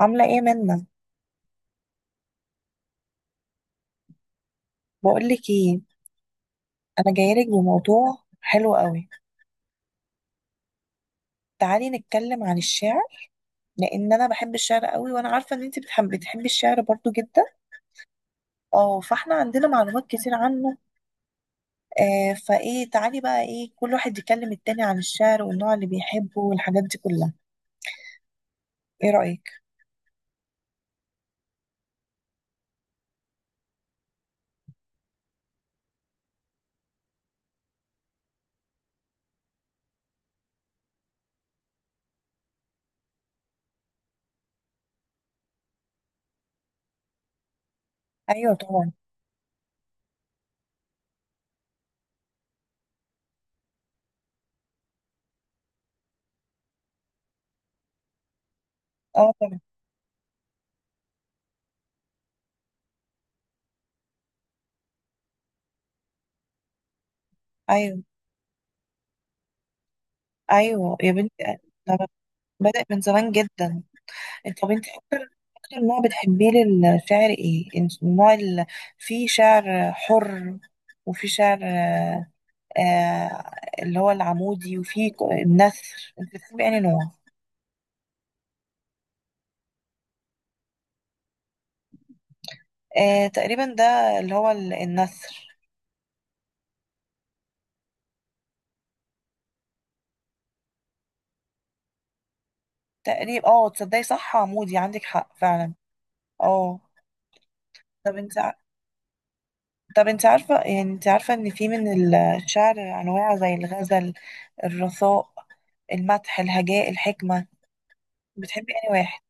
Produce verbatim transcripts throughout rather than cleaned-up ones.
عاملة ايه منا؟ بقولك ايه. انا جايلك بموضوع حلو قوي. تعالي نتكلم عن الشعر، لان انا بحب الشعر قوي وانا عارفة ان انت بتحب بتحبي الشعر برضو جدا. اه، فاحنا عندنا معلومات كتير عنه. آه فايه، تعالي بقى، ايه، كل واحد يكلم التاني عن الشعر والنوع اللي بيحبه والحاجات دي كلها. ايه رأيك؟ ايوه طبعا. اه طبعا. ايوه. ايوه يا بنتي. ده بدأ من زمان جدا. طب انت، اكتر اكتر نوع بتحبيه للشعر ايه؟ انت- النوع اللي فيه شعر حر، وفي شعر آه، آه، اللي هو العمودي، وفي ك- النثر. انت بتحبي انهي نوع؟ آه تقريبا ده اللي هو ال- النثر. تقريبا، اه، تصدقي صح، عمودي، عندك حق فعلا. اه. طب انت ع- طب انت عارفة، يعني انت عارفة ان في من الشعر انواع زي الغزل، الرثاء، المدح، الهجاء، الحكمة. بتحبي انهي واحد؟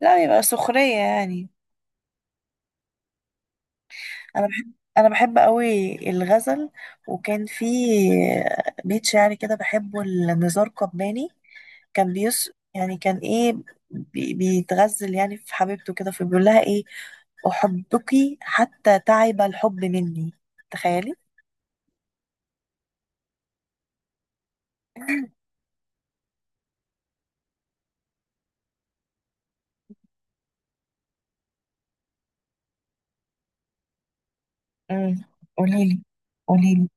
لا يبقى سخرية يعني. أنا بحب أنا بحب قوي الغزل. وكان في بيت شعري كده بحبه لنزار قباني. كان بيس يعني كان إيه، بي- بيتغزل يعني في حبيبته كده، فبيقول لها إيه: أحبك حتى تعب الحب مني. تخيلي! امم. قوليلي. قوليلي.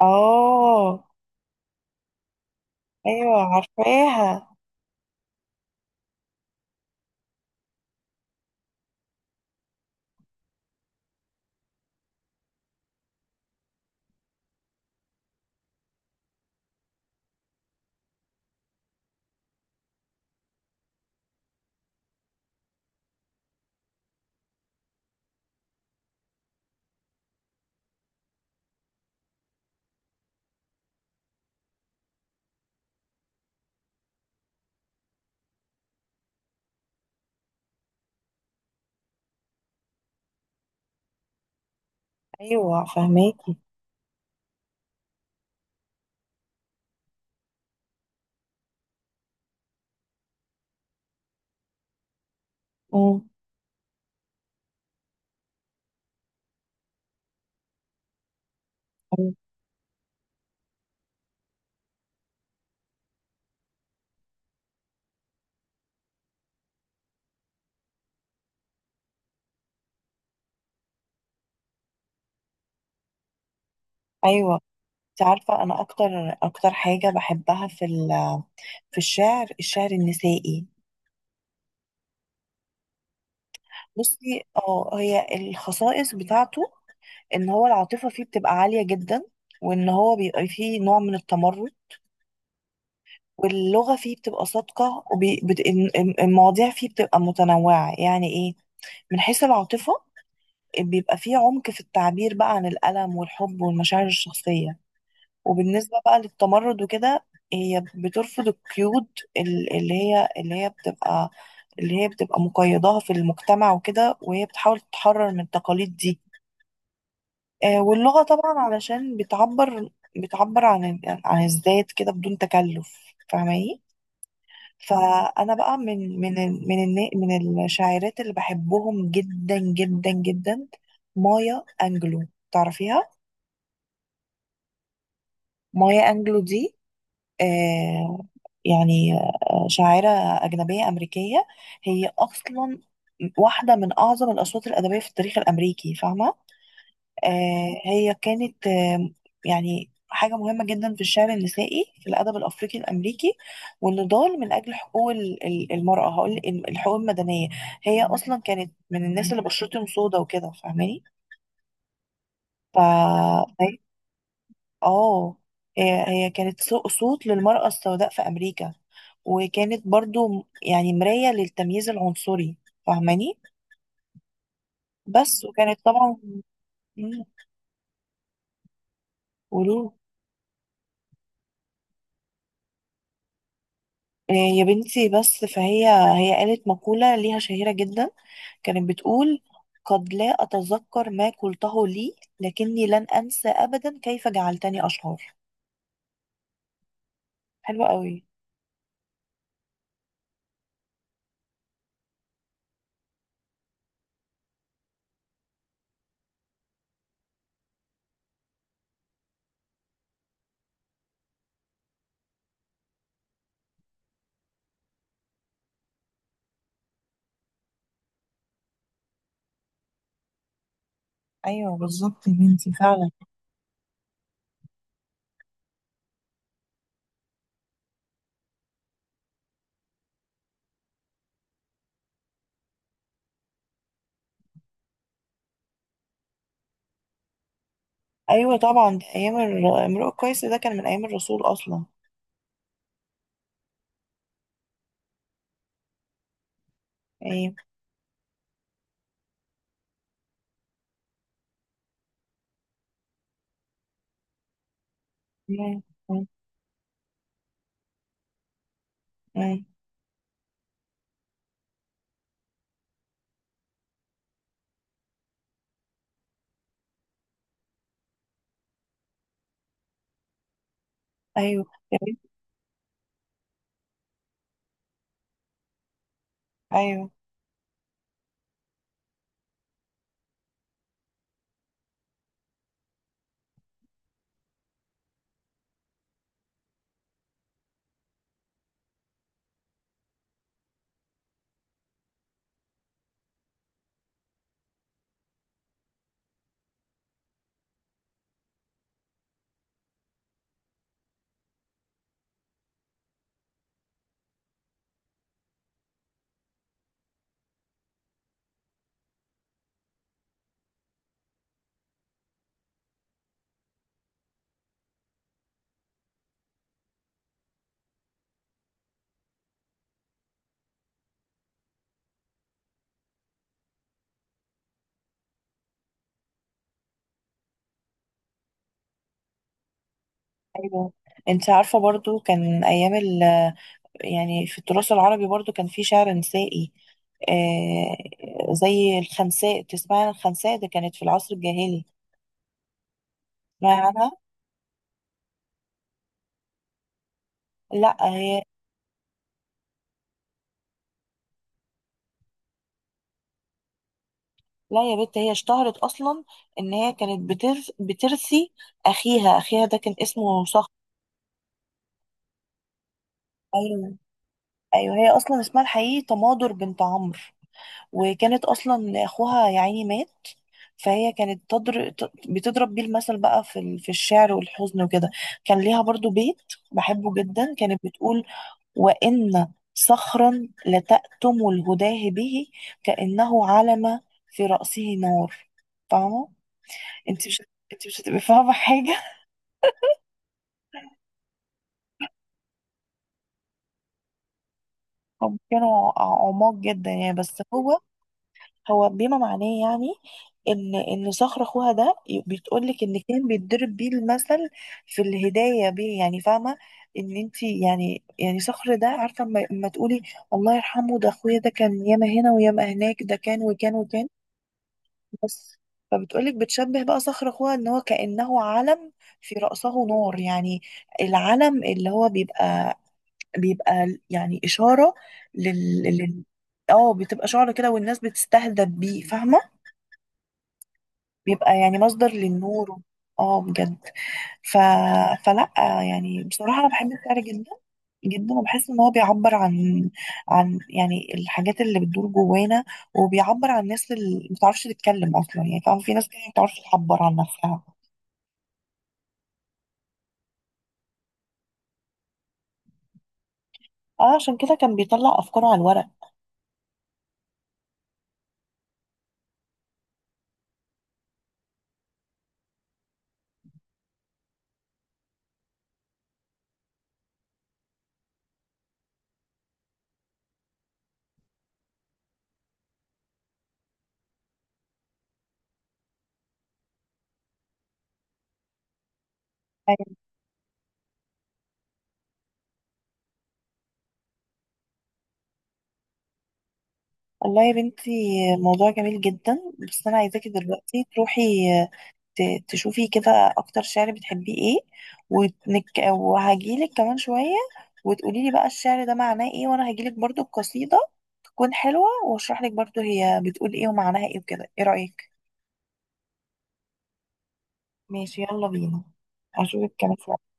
آه. أيوة عارفاها. أيوة فهماكي. امم. أيوة. انت عارفة أنا أكتر أكتر حاجة بحبها في ال- في الشعر الشعر النسائي. بصي، اه، هي الخصائص بتاعته إن هو العاطفة فيه بتبقى عالية جدا، وإن هو بيبقى فيه نوع من التمرد، واللغة فيه بتبقى صادقة، والمواضيع فيه بتبقى متنوعة. يعني إيه؟ من حيث العاطفة، بيبقى فيه عمق في التعبير بقى عن الألم والحب والمشاعر الشخصية. وبالنسبة بقى للتمرد وكده، هي بترفض القيود ال- اللي هي اللي هي بتبقى اللي هي بتبقى مقيداها في المجتمع وكده، وهي بتحاول تتحرر من التقاليد دي. آه، واللغة طبعا علشان بتعبر بتعبر عن ال- عن الذات كده بدون تكلف. فاهماني؟ فأنا بقى من من ال- من النا- من الشاعرات اللي بحبهم جدا جدا جدا. مايا أنجلو، تعرفيها؟ مايا أنجلو دي، آه، يعني آه، شاعرة أجنبية أمريكية. هي أصلا واحدة من أعظم الأصوات الأدبية في التاريخ الأمريكي، فاهمة. آه، هي كانت آه، يعني حاجة مهمة جدا في الشعر النسائي، في الأدب الأفريقي الأمريكي، والنضال من أجل حقوق ال- ال- المرأة، هقول ال- الحقوق المدنية. هي أصلا كانت من الناس اللي بشرتهم سودا وكده، فاهماني. ف- اه. هي هي كانت صو- صوت للمرأة السوداء في أمريكا، وكانت برضو م- يعني مراية للتمييز العنصري. فاهماني؟ بس، وكانت طبعا مم، قولوا. آه، يا بنتي، بس فهي هي قالت مقولة ليها شهيرة جدا. كانت بتقول: قد لا أتذكر ما قلته لي، لكني لن أنسى أبدا كيف جعلتني أشعر. حلوة قوي. أيوة، بالظبط يا بنتي، فعلا. أيوة طبعا، ده أيام الر- امرؤ القيس ده كان من أيام الرسول أصلا يعني. مم. مم. مم. ايوه. كمان- ايوه، ايوه. انت عارفه برضو كان ايام ال يعني في التراث العربي برضو كان في شعر نسائي. آه، زي الخنساء، تسمعي عن الخنساء؟ ده كانت في العصر الجاهلي. تسمعي عنها. لا، هي. لا يا بت، هي اشتهرت اصلا ان هي كانت بترث بترثي اخيها. اخيها ده كان اسمه صخر. ايوه. ايوه، هي اصلا اسمها الحقيقي تماضر بنت عمرو، وكانت اصلا اخوها يا عيني مات. فهي كانت تضر... ت- بتضرب بيه المثل بقى في ال- في الشعر والحزن وكده. كان ليها برضو بيت بحبه جدا، كانت بتقول: وإن صخرا لتأتم الهداه به، كأنه علم في رأسه نار. فاهمة؟ انت مش انت مش هتبقي فاهمة حاجة. هم كانوا ع- عماق جدا يعني، بس هو، هو بما معناه يعني ان ان صخر اخوها ده، بتقول لك ان كان بيتضرب بيه المثل في الهدايه بيه يعني، فاهمه. ان انت، يعني يعني صخر ده، عارفه اما اما تقولي: الله يرحمه، ده اخويا، ده كان ياما هنا وياما هناك، ده كان وكان وكان. بس، فبتقولك بتشبه بقى صخر اخوها ان هو كانه علم في راسه نار يعني. العلم اللي هو بيبقى بيبقى يعني اشاره لل لل- اه، بتبقى شعر كده والناس بتستهدف بيه، فاهمه. بيبقى يعني مصدر للنور، و- اه، بجد. ف... فلا، يعني بصراحة أنا بحب الشعر جدا جدا، وبحس إن هو بيعبر عن عن يعني الحاجات اللي بتدور جوانا، وبيعبر عن الناس اللي ما بتعرفش تتكلم أصلا. يعني فاهم، في ناس كده ما بتعرفش تعبر عن نفسها. اه، عشان كده كان بيطلع أفكاره على الورق. أيوة. والله يا بنتي، موضوع جميل جدا. بس أنا عايزاكي دلوقتي تروحي ت- تشوفي كده اكتر شعر بتحبيه ايه، ونك... وهجيلك كمان شوية، وتقولي لي بقى الشعر ده معناه ايه، وانا هجيلك برضو القصيدة تكون حلوة، واشرح لك برضو هي بتقول ايه ومعناها ايه وكده. ايه رأيك؟ ماشي، يلا بينا، اشوفك كمان شوية.